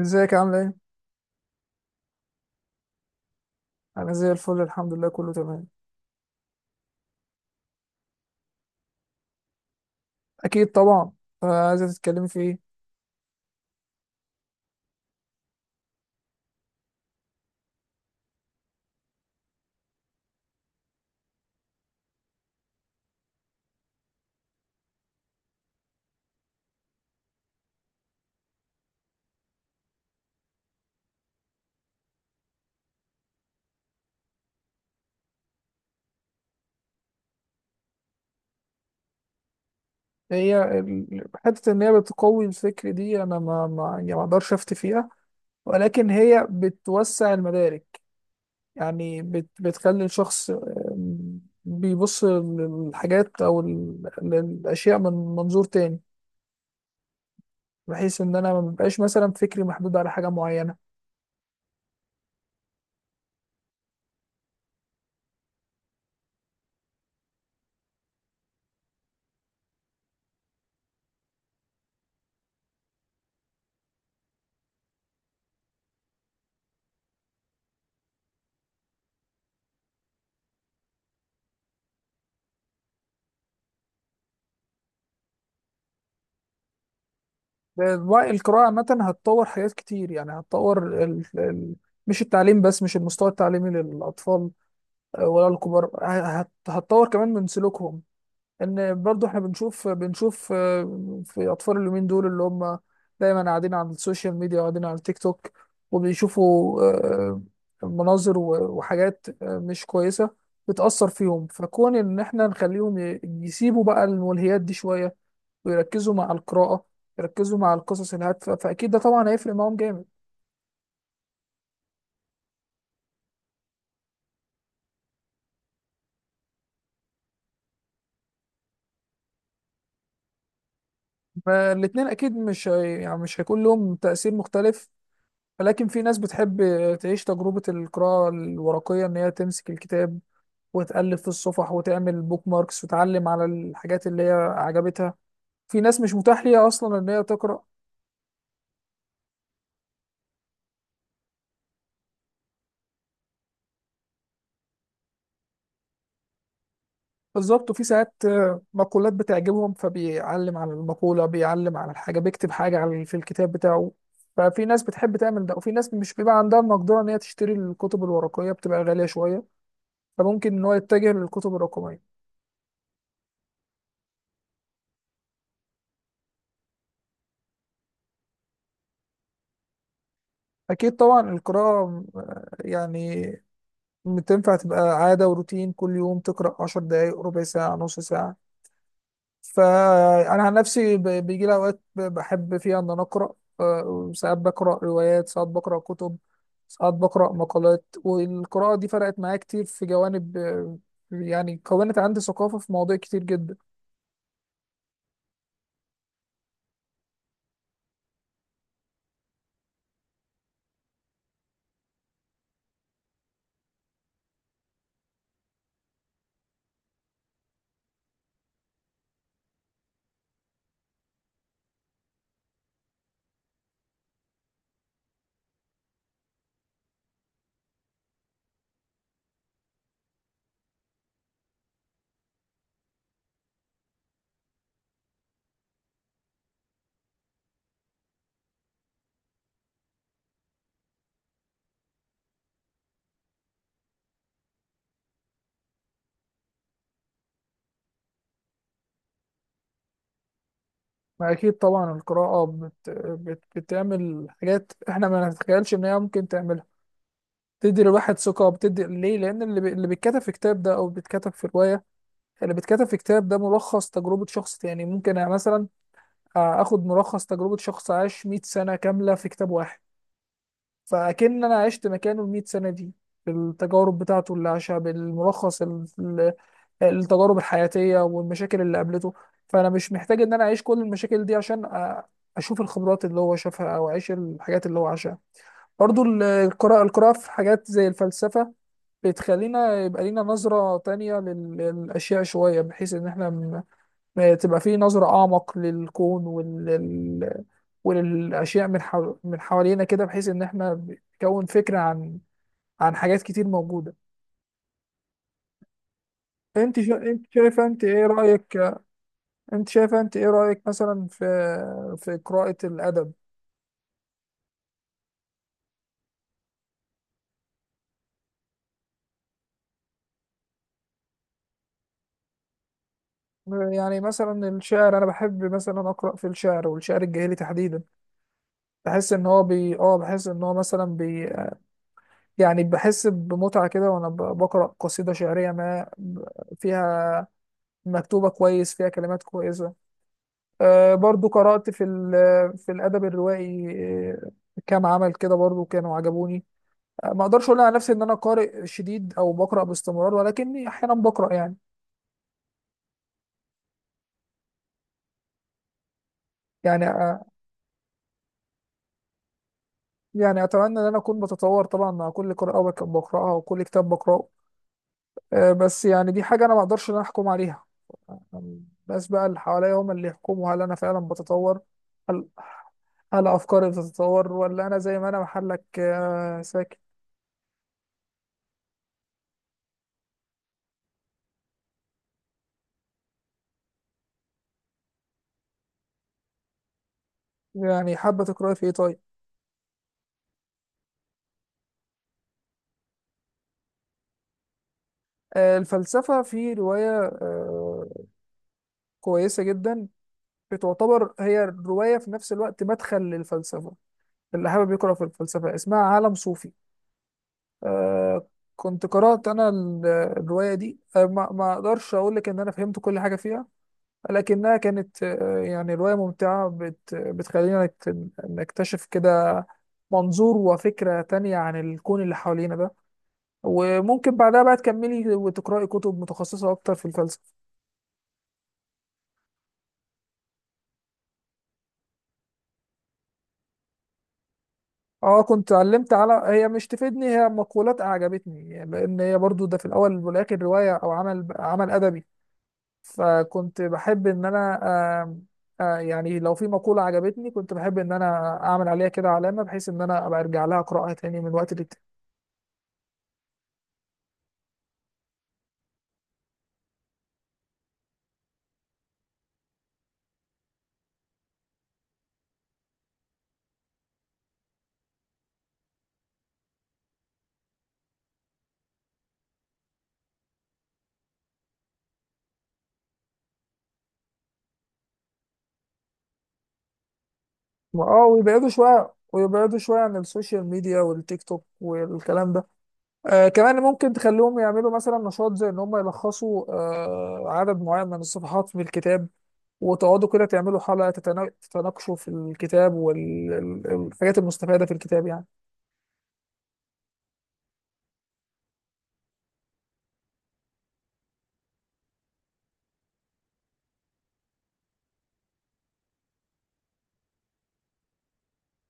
ازيك عاملة ايه؟ أنا زي الفل، الحمد لله، كله تمام. أكيد طبعا. عايزة تتكلمي في ايه؟ هي حتة إن هي بتقوي الفكر دي أنا ما أقدرش أفتي فيها، ولكن هي بتوسع المدارك. يعني بتخلي الشخص بيبص للحاجات أو للأشياء من منظور تاني، بحيث إن أنا ما ببقاش مثلا فكري محدود على حاجة معينة. القراءة عامة هتطور حاجات كتير. يعني هتطور مش التعليم بس، مش المستوى التعليمي للأطفال ولا الكبار، هتطور كمان من سلوكهم. إن برضو إحنا بنشوف في أطفال اليومين دول اللي هم دايما قاعدين على السوشيال ميديا وقاعدين على التيك توك، وبيشوفوا مناظر وحاجات مش كويسة بتأثر فيهم. فكون إن إحنا نخليهم يسيبوا بقى الملهيات دي شوية ويركزوا مع القراءة، يركزوا مع القصص الهادفة، فأكيد ده طبعا هيفرق معاهم جامد. فالاتنين أكيد مش هي... يعني مش هيكون لهم تأثير مختلف، ولكن في ناس بتحب تعيش تجربة القراءة الورقية، إن هي تمسك الكتاب وتألف في الصفح وتعمل بوك ماركس وتعلم على الحاجات اللي هي عجبتها. في ناس مش متاح ليها أصلا إن هي تقرأ. بالظبط، وفي ساعات مقولات بتعجبهم، فبيعلم على المقولة، بيعلم على الحاجة، بيكتب حاجة على في الكتاب بتاعه. ففي ناس بتحب تعمل ده، وفي ناس مش بيبقى عندها المقدرة إن هي تشتري الكتب الورقية، بتبقى غالية شوية، فممكن إن هو يتجه للكتب الرقمية. أكيد طبعا القراءة يعني تنفع تبقى عادة وروتين، كل يوم تقرأ عشر دقايق، ربع ساعة، نص ساعة. فأنا عن نفسي بيجي لي أوقات بحب فيها إن أنا أقرأ. ساعات بقرأ روايات، ساعات بقرأ كتب، ساعات بقرأ مقالات، والقراءة دي فرقت معايا كتير في جوانب. يعني كونت عندي ثقافة في مواضيع كتير جدا. أكيد طبعا القراءة بتعمل حاجات إحنا ما نتخيلش إن هي ممكن تعملها. بتدي الواحد ثقة، بتدي ليه؟ لأن اللي بيتكتب في كتاب ده أو بيتكتب في رواية، اللي بيتكتب في كتاب ده ملخص تجربة شخص. يعني ممكن يعني مثلا هاخد ملخص تجربة شخص عاش 100 سنة كاملة في كتاب واحد، فأكن أنا عشت مكانه ال 100 سنة دي بالتجارب بتاعته اللي عاشها، بالملخص التجارب الحياتية والمشاكل اللي قابلته. فأنا مش محتاج إن أنا أعيش كل المشاكل دي عشان أشوف الخبرات اللي هو شافها أو أعيش الحاجات اللي هو عاشها. برضو القراءة في حاجات زي الفلسفة بتخلينا يبقى لينا نظرة تانية للأشياء شوية، بحيث إن إحنا تبقى فيه نظرة أعمق للكون وللأشياء من حوالينا كده، بحيث إن إحنا بنكون فكرة عن عن حاجات كتير موجودة. أنت شايفة، أنت إيه رأيك؟ أنت شايفة أنت إيه رأيك مثلا في في قراءة الأدب؟ يعني مثلا الشعر، أنا بحب مثلا أقرأ في الشعر، والشعر الجاهلي تحديدا. بحس إن هو مثلا بي يعني بحس بمتعة كده، وأنا بقرأ قصيدة شعرية ما، فيها مكتوبة كويس، فيها كلمات كويسة. برضو قرأت في في الأدب الروائي. آه، كام عمل كده برضو كانوا عجبوني. ما أقدرش أقول على نفسي إن أنا قارئ شديد أو بقرأ باستمرار، ولكني أحيانا بقرأ يعني. يعني يعني أتمنى إن أنا أكون بتطور طبعا مع كل قراءة بقرأها وكل كتاب بقرأه. بس يعني دي حاجة أنا ما أقدرش إن أنا أحكم عليها، الناس بقى اللي حواليا هم اللي يحكموا هل أنا فعلا بتطور، هل هل أفكاري بتتطور ولا أنا زي ما أنا محلك ساكت. يعني حابة تقرأي في إيه طيب؟ الفلسفة في رواية آه، كويسة جدا، بتعتبر هي الرواية في نفس الوقت مدخل للفلسفة اللي حابب يقرأ في الفلسفة، اسمها عالم صوفي. آه، كنت قرأت أنا الرواية دي. ما أقدرش أقول لك إن أنا فهمت كل حاجة فيها، لكنها كانت يعني رواية ممتعة بتخلينا نكتشف كده منظور وفكرة تانية عن الكون اللي حوالينا ده، وممكن بعدها بقى تكملي وتقرأي كتب متخصصة أكتر في الفلسفة. اه كنت علمت على، هي مش تفيدني، هي مقولات اعجبتني، لان هي برضو ده في الاول والاخر روايه او عمل ادبي، فكنت بحب ان انا آم، آه، يعني لو في مقوله عجبتني كنت بحب ان انا اعمل عليها كده علامه، بحيث ان انا ابقى ارجع لها اقراها تاني من وقت للتاني. اه ويبعدوا شويه، عن السوشيال ميديا والتيك توك والكلام ده. آه كمان ممكن تخليهم يعملوا مثلا نشاط زي ان هم يلخصوا آه عدد معين من الصفحات في الكتاب، وتقعدوا كده تعملوا حلقة تتناقشوا في الكتاب والحاجات المستفادة في الكتاب يعني.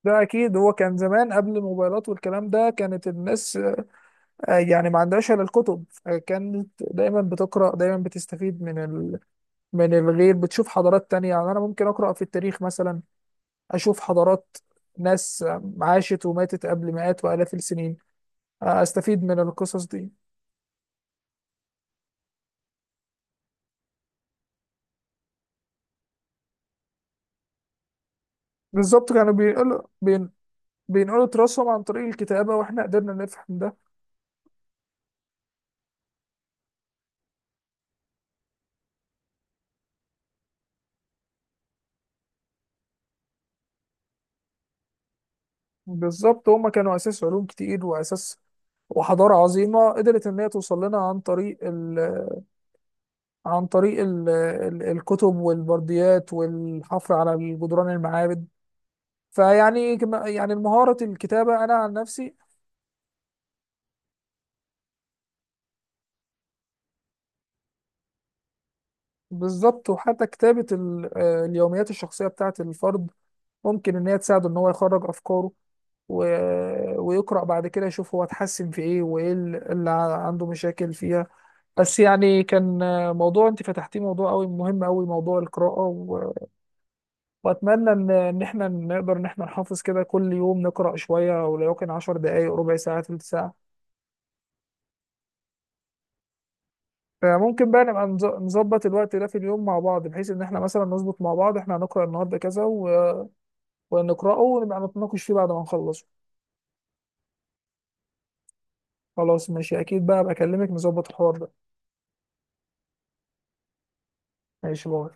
ده أكيد، هو كان زمان قبل الموبايلات والكلام ده كانت الناس يعني ما عندهاش إلا الكتب، كانت دايما بتقرأ، دايما بتستفيد من من الغير، بتشوف حضارات تانية. يعني أنا ممكن أقرأ في التاريخ مثلا، أشوف حضارات، ناس عاشت وماتت قبل مئات وآلاف السنين. أستفيد من القصص دي. بالظبط، كانوا بينقلوا تراثهم عن طريق الكتابة، وإحنا قدرنا نفهم ده. بالظبط، هما كانوا اساس علوم كتير واساس، وحضاره عظيمه قدرت ان هي توصل لنا عن طريق ال الكتب والبرديات والحفر على جدران المعابد. يعني مهاره الكتابه انا عن نفسي، بالظبط، وحتى كتابه اليوميات الشخصيه بتاعه الفرد ممكن ان هي تساعده ان هو يخرج افكاره، ويقرا بعد كده يشوف هو اتحسن في ايه، وايه اللي عنده مشاكل فيها. بس يعني كان موضوع انت فتحتيه موضوع قوي، مهم قوي موضوع القراءة، واتمنى ان احنا نقدر ان احنا نحافظ كده كل يوم نقرأ شوية، ولو يمكن 10 دقائق، ربع ساعة، تلت ساعة، فممكن بقى نبقى نظبط الوقت ده في اليوم مع بعض، بحيث ان احنا مثلا نظبط مع بعض احنا هنقرأ النهارده كذا ونقرأه ونبقى نتناقش فيه بعد ما نخلصه. خلاص ماشي، اكيد بقى بكلمك نظبط الحوار ده. ماشي، باي.